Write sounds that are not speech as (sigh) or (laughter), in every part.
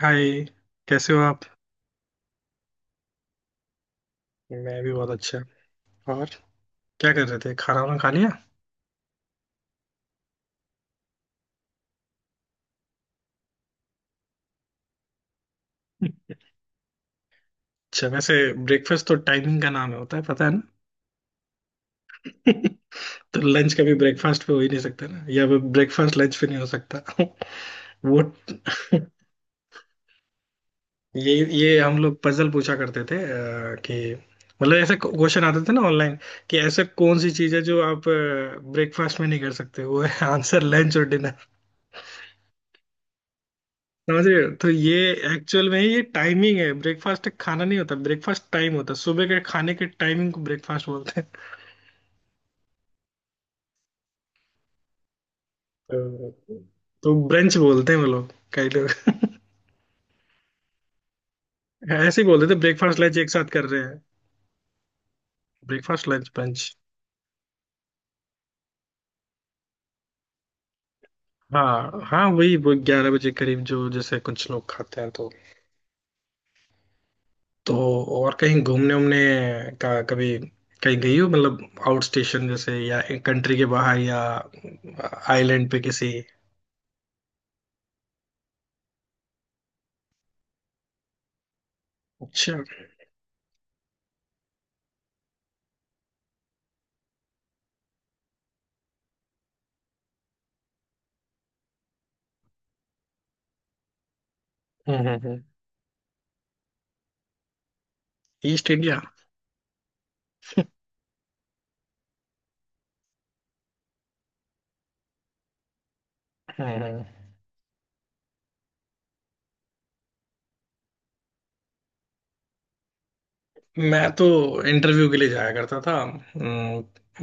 हाय। कैसे हो आप? मैं भी बहुत अच्छा। और क्या कर रहे थे, खाना वाना खा लिया? अच्छा, वैसे ब्रेकफास्ट तो टाइमिंग का नाम होता है, पता है ना। (laughs) तो लंच कभी ब्रेकफास्ट पे हो ही नहीं सकता ना, या ब्रेकफास्ट लंच पे नहीं हो सकता। (laughs) वो, ये ये हम लोग पजल पूछा करते थे कि मतलब ऐसे क्वेश्चन आते थे ना ऑनलाइन। कि ऐसे कौन सी चीज है जो आप ब्रेकफास्ट में नहीं कर सकते वो है, (laughs) आंसर लंच। और समझ रहे हो? तो ये एक्चुअल में ये टाइमिंग है, ब्रेकफास्ट खाना नहीं होता, ब्रेकफास्ट टाइम होता है। सुबह के खाने के टाइमिंग को ब्रेकफास्ट बोलते हैं। तो, तो ब्रंच बोलते हैं वो लोग, कई लोग। ऐसे ही बोलते थे, ब्रेकफास्ट लंच एक साथ कर रहे हैं। Breakfast, lunch, brunch. हाँ हाँ, वही वो 11 बजे करीब जो जैसे कुछ लोग खाते हैं, तो। तो और कहीं घूमने उमने का कभी कहीं गई हो, मतलब आउट स्टेशन जैसे, या कंट्री के बाहर, या आइलैंड पे किसी? अच्छा। हम्म। East India? हाँ हाँ। मैं तो इंटरव्यू के लिए जाया करता था,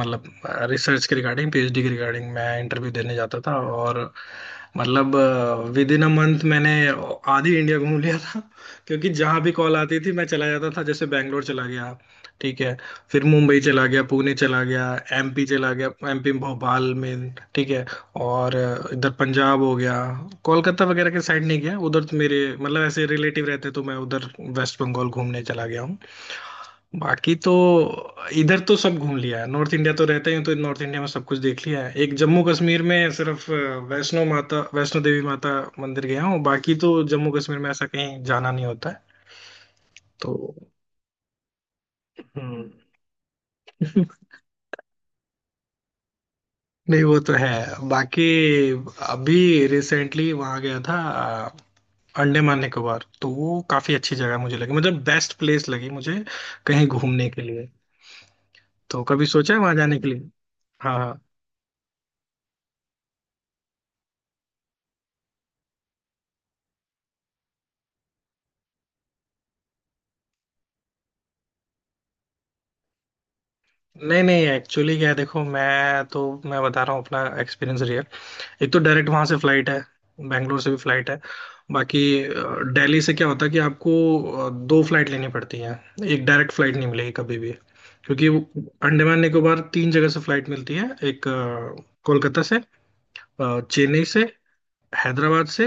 मतलब रिसर्च के रिगार्डिंग, PhD के रिगार्डिंग, मैं इंटरव्यू देने जाता था। और मतलब विद इन अ मंथ मैंने आधी इंडिया घूम लिया था, क्योंकि जहाँ भी कॉल आती थी मैं चला जाता था। जैसे बैंगलोर चला गया, ठीक है, फिर मुंबई चला गया, पुणे चला गया, MP चला गया, एमपी भोपाल में, ठीक है। और इधर पंजाब हो गया। कोलकाता वगैरह के साइड नहीं गया उधर, तो मेरे मतलब ऐसे रिलेटिव रहते तो मैं उधर वेस्ट बंगाल घूमने चला गया। बाकी तो इधर तो सब घूम लिया है। नॉर्थ इंडिया तो रहते हैं तो नॉर्थ इंडिया में सब कुछ देख लिया है। एक जम्मू कश्मीर में सिर्फ वैष्णो माता, वैष्णो देवी माता मंदिर गया हूँ, बाकी तो जम्मू कश्मीर में ऐसा कहीं जाना नहीं होता है। तो। हम्म। (laughs) नहीं, वो तो है। बाकी अभी रिसेंटली वहां गया था, अ, अंडमान निकोबार, तो वो काफी अच्छी जगह मुझे लगी, मतलब बेस्ट प्लेस लगी मुझे कहीं घूमने के लिए। तो कभी सोचा है वहां जाने के लिए? हाँ हाँ। नहीं नहीं, एक्चुअली क्या है देखो, मैं बता रहा हूँ अपना एक्सपीरियंस रियल। एक तो डायरेक्ट वहां से फ्लाइट है, बैंगलोर से भी फ्लाइट है। बाकी दिल्ली से क्या होता है कि आपको दो फ्लाइट लेनी पड़ती है, एक डायरेक्ट फ्लाइट नहीं मिलेगी कभी भी। क्योंकि वो अंडमान निकोबार तीन जगह से फ्लाइट मिलती है, एक कोलकाता से, चेन्नई से, हैदराबाद से,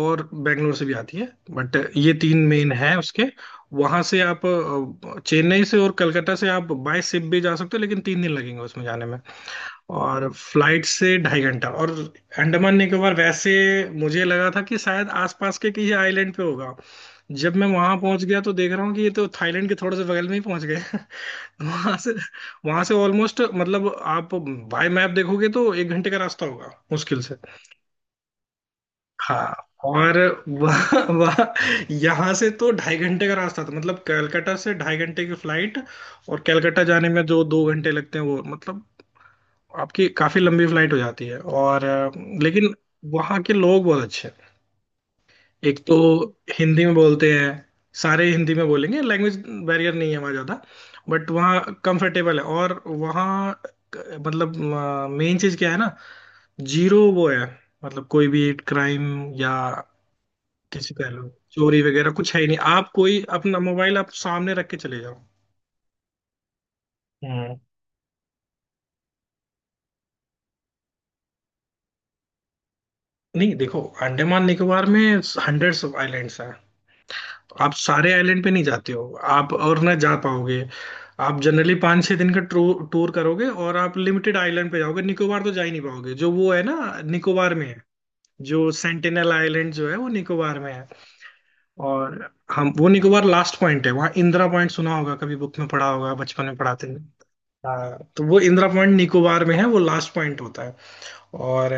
और बेंगलोर से भी आती है। बट ये तीन मेन है उसके। वहां से आप चेन्नई से और कलकत्ता से आप बाय शिप भी जा सकते हो, लेकिन 3 दिन लगेंगे उसमें जाने में। और फ्लाइट से 2.5 घंटा। और अंडमान निकोबार वैसे मुझे लगा था कि शायद आसपास के किसी आइलैंड पे होगा, जब मैं वहां पहुंच गया तो देख रहा हूँ कि ये तो थाईलैंड के थोड़े से बगल में ही पहुंच गए। (laughs) वहां से, वहां से ऑलमोस्ट मतलब आप बाय मैप देखोगे तो 1 घंटे का रास्ता होगा मुश्किल से। हाँ और वह यहाँ से तो 2.5 घंटे का रास्ता था, मतलब कलकत्ता से 2.5 घंटे की फ्लाइट, और कलकत्ता जाने में जो 2 घंटे लगते हैं वो मतलब आपकी काफी लंबी फ्लाइट हो जाती है। और लेकिन वहाँ के लोग बहुत अच्छे हैं। एक तो हिंदी में बोलते हैं, सारे हिंदी में बोलेंगे, लैंग्वेज बैरियर नहीं है वहाँ ज़्यादा। बट वहाँ कंफर्टेबल है, और वहाँ मतलब मेन चीज़ क्या है ना, जीरो वो है, मतलब कोई भी क्राइम या किसी कह लो चोरी वगैरह कुछ है ही नहीं। आप कोई अपना मोबाइल आप सामने रख के चले जाओ। हम्म। नहीं देखो, अंडमान निकोबार में हंड्रेड्स ऑफ आइलैंड्स हैं, आप सारे आइलैंड पे नहीं जाते हो, आप और ना जा पाओगे। आप जनरली 5-6 दिन का टूर टूर करोगे और आप लिमिटेड आइलैंड पे जाओगे, निकोबार तो जा ही नहीं पाओगे, जो वो है ना, निकोबार में है, जो सेंटिनल आइलैंड जो है वो निकोबार में है। और हम वो निकोबार लास्ट पॉइंट है, वहाँ इंदिरा पॉइंट सुना होगा कभी, बुक में पढ़ा होगा बचपन में पढ़ाते थे। हाँ तो वो इंदिरा पॉइंट निकोबार में है, वो लास्ट पॉइंट होता है। और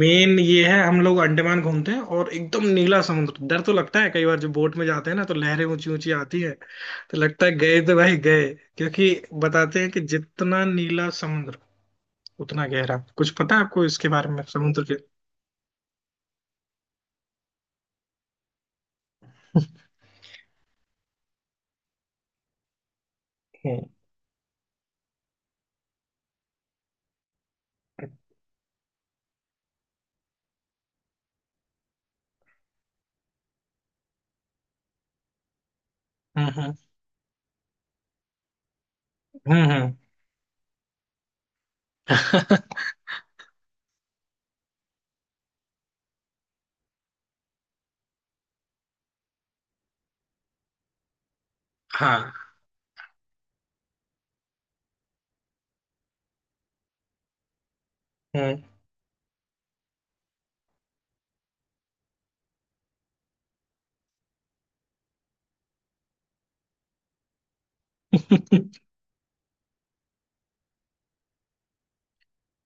मेन ये है, हम लोग अंडमान घूमते हैं और एकदम नीला समुद्र। डर तो लगता है कई बार, जब बोट में जाते हैं ना तो लहरें ऊंची ऊंची आती है, तो लगता है गए तो भाई गए। क्योंकि बताते हैं कि जितना नीला समुद्र उतना गहरा। कुछ पता है आपको इसके बारे में, समुद्र के? (laughs) हम्म हम्म। हम्म हम्म, हम्म। (laughs) हाँ। हम्म। (laughs)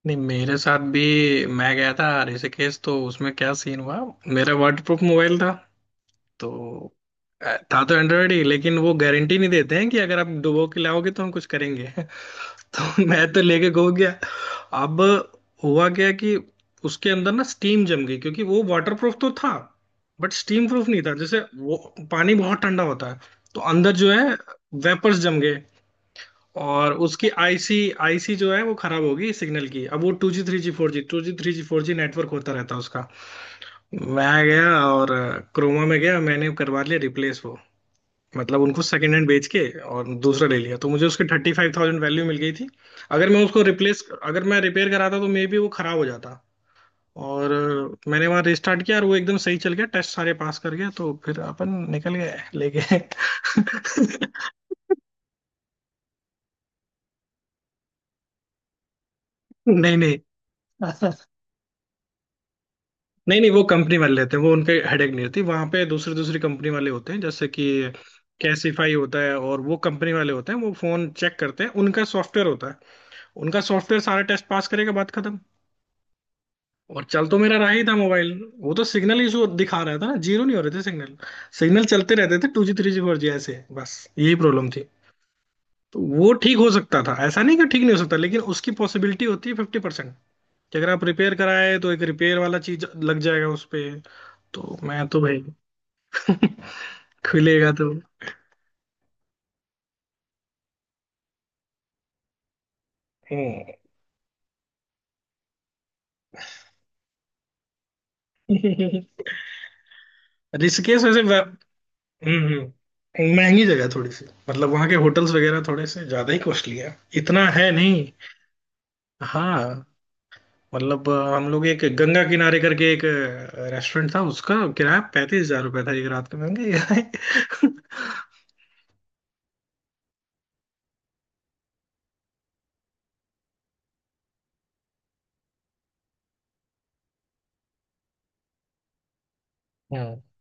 नहीं, मेरे साथ भी, मैं गया था ऋषिकेश तो उसमें क्या सीन हुआ, मेरा वाटर प्रूफ मोबाइल था। तो था तो एंड्रॉयड ही, लेकिन वो गारंटी नहीं देते हैं कि अगर आप डुबो के लाओगे तो हम कुछ करेंगे। (laughs) तो मैं तो लेके गो गया। अब हुआ क्या कि उसके अंदर ना स्टीम जम गई, क्योंकि वो वाटर प्रूफ तो था बट स्टीम प्रूफ नहीं था। जैसे वो पानी बहुत ठंडा होता है, तो अंदर जो है वेपर्स जम गए, और उसकी आईसी आईसी जो है वो खराब होगी सिग्नल की। अब वो 2G 3G 4G, 2G 3G 4G network होता रहता है उसका। मैं गया और क्रोमा में गया, मैंने करवा लिया रिप्लेस वो, मतलब उनको सेकेंड हैंड बेच के और दूसरा ले लिया, तो मुझे उसकी 35,000 वैल्यू मिल गई थी। अगर मैं रिपेयर कराता तो मे बी वो खराब हो जाता, और मैंने वहां रिस्टार्ट किया और वो एकदम सही चल गया, टेस्ट सारे पास कर गया, तो फिर अपन निकल गए लेके। (laughs) नहीं नहीं, नहीं नहीं, वो कंपनी वाले लेते हैं वो, उनके हेडेक नहीं रहती, वहां पे दूसरी दूसरी कंपनी वाले होते हैं, जैसे कि कैसीफाई होता है और वो कंपनी वाले होते हैं, वो फोन चेक करते हैं, उनका सॉफ्टवेयर होता है। उनका सॉफ्टवेयर सारे टेस्ट पास करेगा, बात खत्म। और चल तो मेरा रहा ही था मोबाइल, वो तो सिग्नल इशू दिखा रहा था ना, जीरो नहीं हो रहे थे सिग्नल, सिग्नल चलते रहते थे two G three G four G ऐसे बस। यही प्रॉब्लम थी। तो वो ठीक हो सकता था, ऐसा नहीं कि ठीक नहीं हो सकता, लेकिन उसकी पॉसिबिलिटी होती है 50% कि अगर आप रिपेयर कराए तो एक रिपेयर वाला चीज लग जाएगा उस पे। तो मैं तो भाई (laughs) खुलेगा तो। हम्म। (laughs) ऋषिकेश वैसे महंगी जगह है थोड़ी सी, मतलब वहाँ के होटल्स वगैरह थोड़े से ज्यादा ही कॉस्टली है। इतना है नहीं। हाँ मतलब हम लोग एक गंगा किनारे करके एक रेस्टोरेंट था, उसका किराया 35,000 रुपये था 1 रात का। महंगा ही है। (laughs)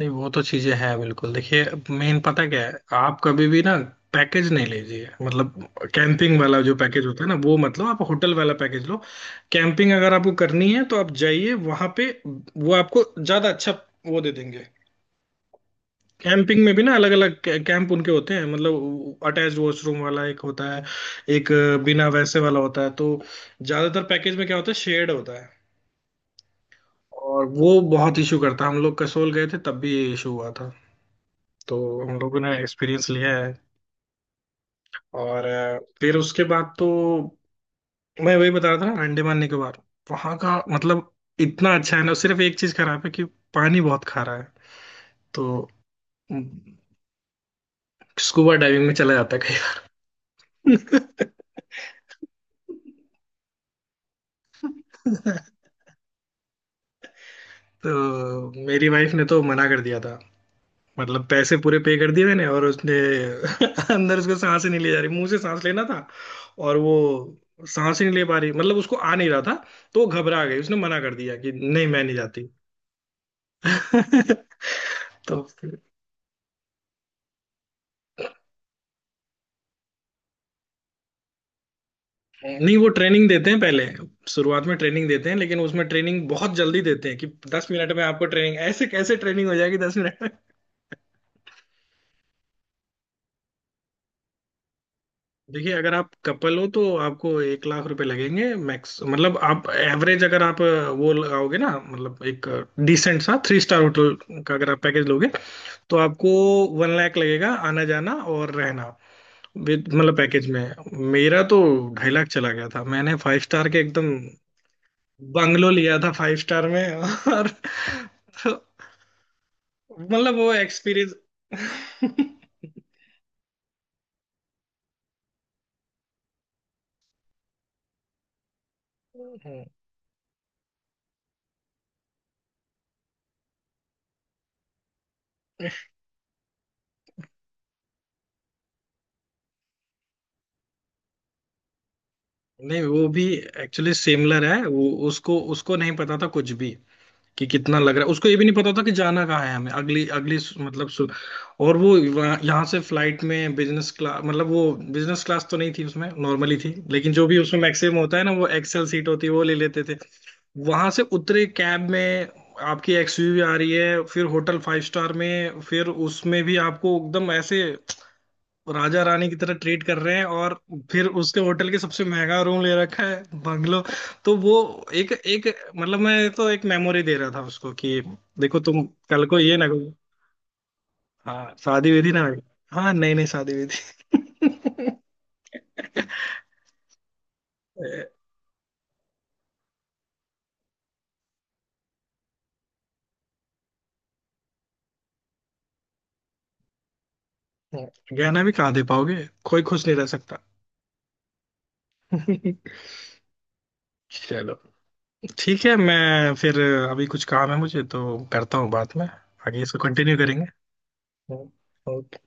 नहीं, वो तो चीजें हैं बिल्कुल, देखिए मेन पता क्या है, आप कभी भी ना पैकेज नहीं लीजिए, मतलब कैंपिंग वाला जो पैकेज होता है ना वो, मतलब आप होटल वाला पैकेज लो। कैंपिंग अगर आपको करनी है तो आप जाइए वहां पे, वो आपको ज्यादा अच्छा वो दे देंगे। कैंपिंग में भी ना अलग अलग कैंप उनके होते हैं, मतलब अटैच्ड वॉशरूम वाला एक होता है, एक बिना वैसे वाला होता है। तो ज्यादातर पैकेज में क्या होता है, शेयर्ड होता है, और वो बहुत इशू करता है। हम लोग कसोल गए थे तब भी ये इशू हुआ था, तो हम लोगों ने एक्सपीरियंस लिया है। और फिर उसके बाद तो मैं वही बता रहा था, अंडे मारने के बाद वहां का मतलब इतना अच्छा है ना, सिर्फ एक चीज खराब है कि पानी बहुत खारा है। तो स्कूबा डाइविंग में चला जाता है कई बार। (laughs) तो मेरी वाइफ ने तो मना कर दिया था, मतलब पैसे पूरे पे कर दिए मैंने और उसने। (laughs) अंदर उसको सांस ही नहीं ले जा रही, मुंह से सांस लेना था और वो सांस ही नहीं ले पा रही, मतलब उसको आ नहीं रहा था, तो वो घबरा गई उसने मना कर दिया कि नहीं मैं नहीं जाती। (laughs) तो फिर- नहीं, वो ट्रेनिंग देते हैं पहले, शुरुआत में ट्रेनिंग देते हैं, लेकिन उसमें ट्रेनिंग बहुत जल्दी देते हैं कि 10 मिनट में आपको ट्रेनिंग, ऐसे कैसे ट्रेनिंग हो जाएगी 10 मिनट। देखिए अगर आप कपल हो तो आपको 1 लाख रुपए लगेंगे मैक्स, मतलब आप एवरेज अगर आप वो लगाओगे ना, मतलब एक डिसेंट सा 3 स्टार होटल का अगर आप पैकेज लोगे तो आपको 1 लाख लगेगा, आना जाना और रहना विद मतलब पैकेज में। मेरा तो ढाई लाख चला गया था, मैंने 5 स्टार के एकदम बंगलो लिया था 5 स्टार में। और (laughs) तो मतलब वो एक्सपीरियंस। (laughs) नहीं वो भी एक्चुअली सिमिलर है, वो, उसको उसको नहीं पता था कुछ भी, कि कितना लग रहा है, उसको ये भी नहीं पता था कि जाना कहाँ है हमें अगली अगली सु- मतलब सु, और वो वहाँ- यहाँ से फ्लाइट में बिजनेस क्लास, मतलब वो बिजनेस क्लास तो नहीं थी, उसमें नॉर्मली थी, लेकिन जो भी उसमें मैक्सिमम होता है ना वो एक्सेल सीट होती है, वो ले लेते थे। वहां से उतरे, कैब में आपकी SUV आ रही है, फिर होटल 5 स्टार में, फिर उसमें भी आपको एकदम ऐसे राजा रानी की तरह ट्रीट कर रहे हैं, और फिर उसके होटल के सबसे महंगा रूम ले रखा है, बंगलो। तो वो एक एक, मतलब मैं तो एक मेमोरी दे रहा था उसको कि देखो तुम कल को ये ना करो। हाँ, शादी विधि ना होगी। हाँ नहीं नहीं, शादी विधि। (laughs) गहना भी कहाँ दे पाओगे, कोई खुश नहीं रह सकता। (laughs) चलो ठीक है। मैं फिर अभी कुछ काम है मुझे तो करता हूँ, बाद में आगे इसको कंटिन्यू करेंगे। ओके।